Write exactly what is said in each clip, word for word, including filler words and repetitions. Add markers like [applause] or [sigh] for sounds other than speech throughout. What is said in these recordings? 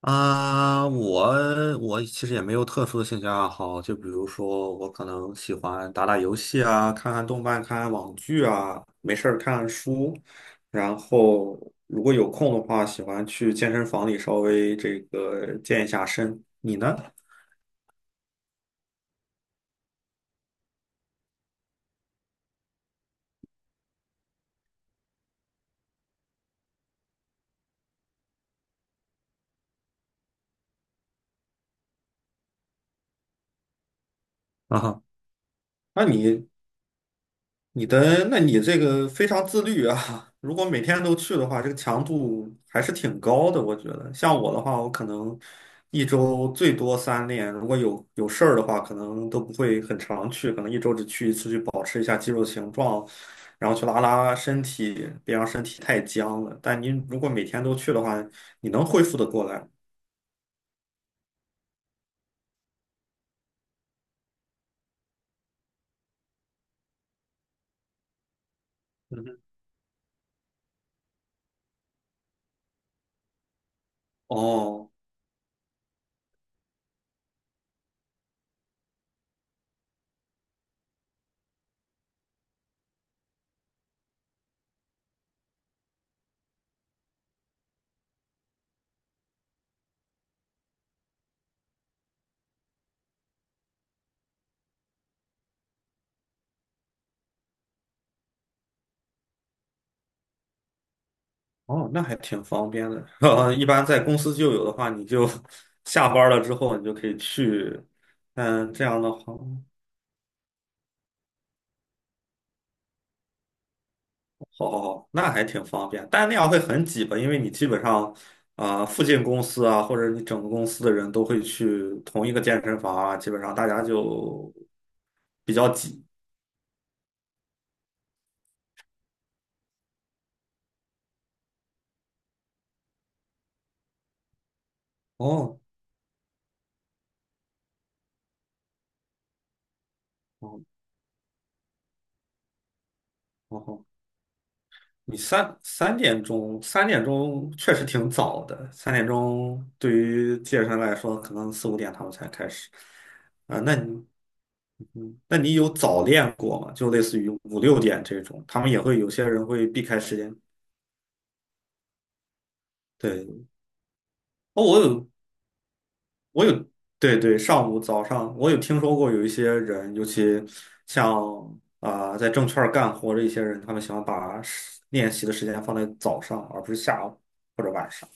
啊，我我其实也没有特殊的兴趣爱好，就比如说我可能喜欢打打游戏啊，看看动漫，看看网剧啊，没事儿看看书，然后如果有空的话，喜欢去健身房里稍微这个健一下身。你呢？啊哈，那你你的，那你这个非常自律啊！[laughs] 如果每天都去的话，这个强度还是挺高的，我觉得。像我的话，我可能一周最多三练，如果有有事儿的话，可能都不会很常去，可能一周只去一次，去保持一下肌肉形状，然后去拉拉身体，别让身体太僵了。但您如果每天都去的话，你能恢复得过来。嗯哼。哦。哦，那还挺方便的。[laughs] 呃一般在公司就有的话，你就 [laughs] 下班了之后，你就可以去。嗯，这样的话，好好好，那还挺方便。但那样会很挤吧？因为你基本上，啊、附近公司啊，或者你整个公司的人都会去同一个健身房啊，基本上大家就比较挤。哦。哦。哦，你三三点钟，三点钟确实挺早的。三点钟对于健身来说，可能四五点他们才开始。啊、那你，嗯，那你有早练过吗？就类似于五六点这种，他们也会有些人会避开时间。对，哦，我有，我有，对对，上午早上我有听说过有一些人，尤其像啊、呃在证券儿干活的一些人，他们喜欢把时练习的时间放在早上，而不是下午或者晚上。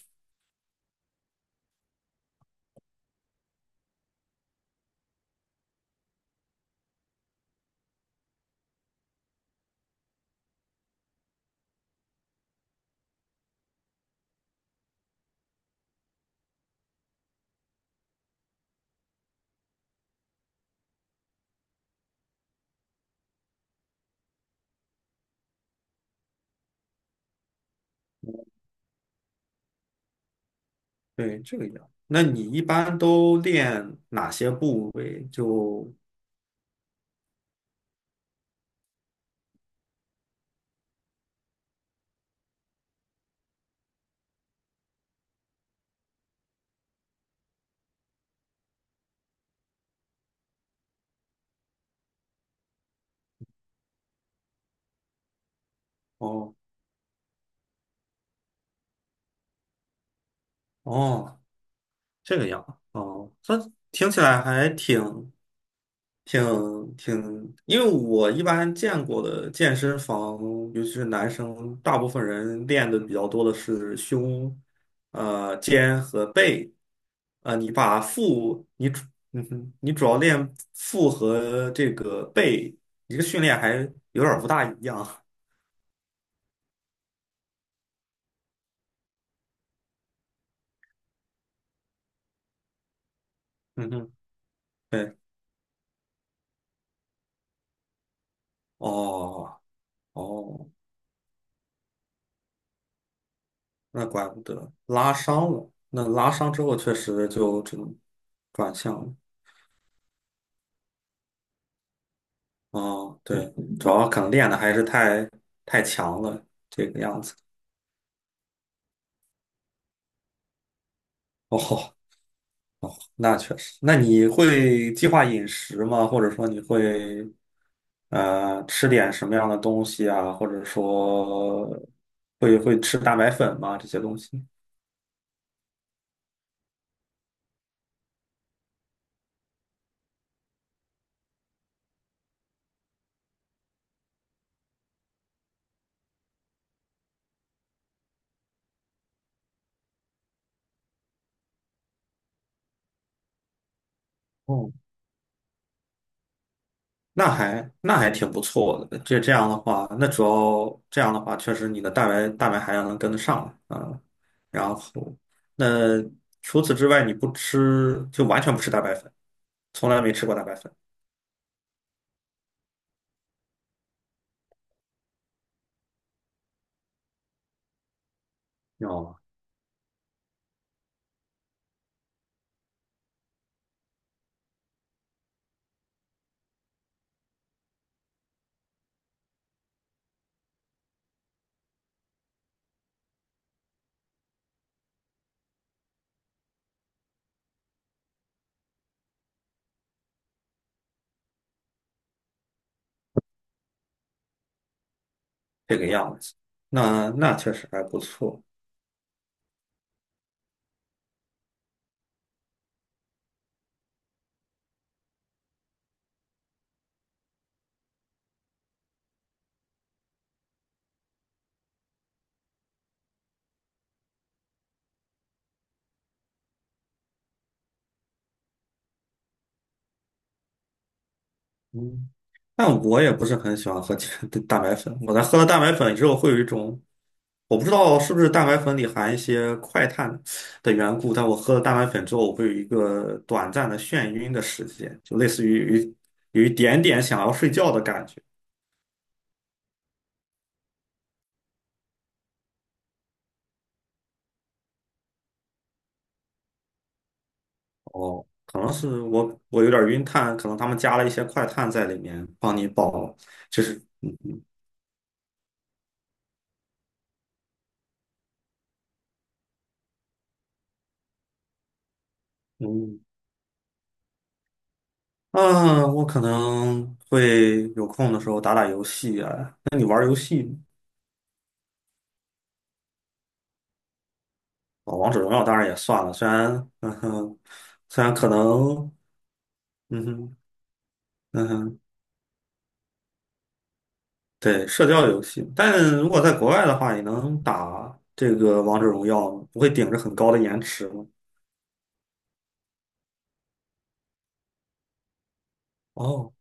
对，这个样。那你一般都练哪些部位？就哦。哦，这个样哦，它听起来还挺挺挺，因为我一般见过的健身房，尤其是男生，大部分人练的比较多的是胸、呃肩和背。呃，你把腹，你主，嗯哼，你主要练腹和这个背，你这个训练还有点儿不大一样。[laughs] 嗯哼。对，哦。哦，那怪不得拉伤了。那拉伤之后确实就只能转向了。哦，对，主要可能练的还是太太强了，这个样子。哦，那确实。那你会计划饮食吗？或者说你会呃吃点什么样的东西啊？或者说会会吃蛋白粉吗？这些东西？那还那还挺不错的。这这样的话，那主要这样的话，确实你的蛋白蛋白含量能跟得上啊。然后，那除此之外，你不吃就完全不吃蛋白粉，从来没吃过蛋白粉。哦，这个样子。那那确实还不错，嗯。但我也不是很喜欢喝 [laughs] 蛋白粉，我在喝了蛋白粉之后，会有一种我不知道是不是蛋白粉里含一些快碳的缘故，但我喝了蛋白粉之后，我会有一个短暂的眩晕的时间，就类似于有一有一点点想要睡觉的感觉。哦，可能是我我有点晕碳，可能他们加了一些快碳在里面帮你保，就是。嗯啊，我可能会有空的时候打打游戏啊。那你玩儿游戏吗？哦，王者荣耀当然也算了，虽然嗯哼，虽然可能嗯哼。嗯哼。对，社交游戏，但如果在国外的话，也能打这个王者荣耀吗，不会顶着很高的延迟吗？哦，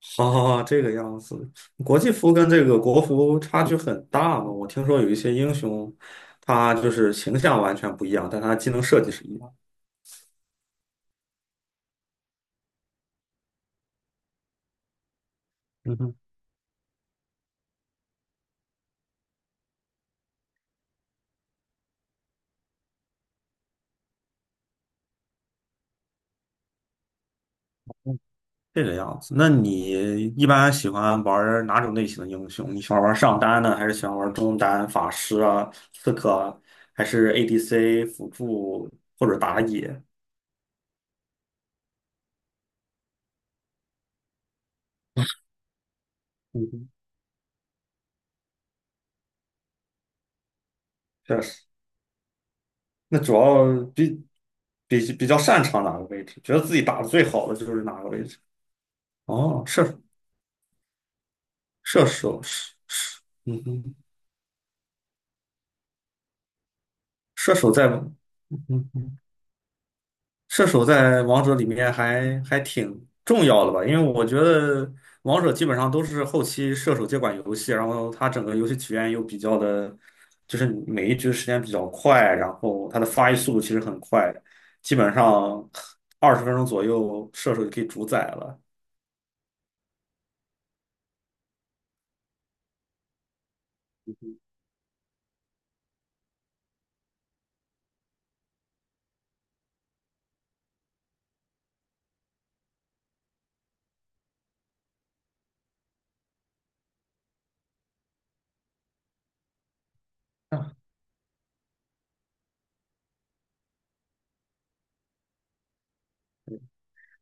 好好好，这个样子。国际服跟这个国服差距很大嘛，我听说有一些英雄，他就是形象完全不一样，但他技能设计是一样。嗯哼，这个样子。那你一般喜欢玩哪种类型的英雄？你喜欢玩上单呢，还是喜欢玩中单、法师啊、刺客啊，还是 A D C 辅助或者打野？嗯。确实，那主要比比比较擅长哪个位置，觉得自己打的最好的就是哪个位置。哦，射射手是是，嗯哼，射手在嗯，射手在王者里面还还挺重要的吧？因为我觉得王者基本上都是后期射手接管游戏，然后它整个游戏体验又比较的，就是每一局时间比较快，然后它的发育速度其实很快，基本上二十分钟左右射手就可以主宰了。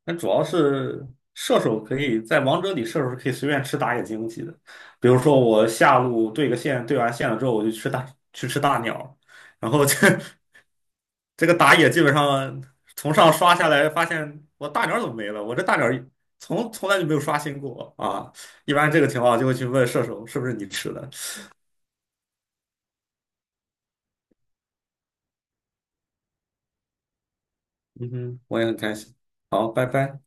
那主要是射手可以在王者里，射手是可以随便吃打野经济的。比如说我下路对个线，对完线了之后，我就吃大去吃大鸟，然后这 [laughs] 这个打野基本上从上刷下来，发现我大鸟怎么没了？我这大鸟从从来就没有刷新过啊！一般这个情况就会去问射手是不是你吃的。嗯哼，我也很开心。好，拜拜。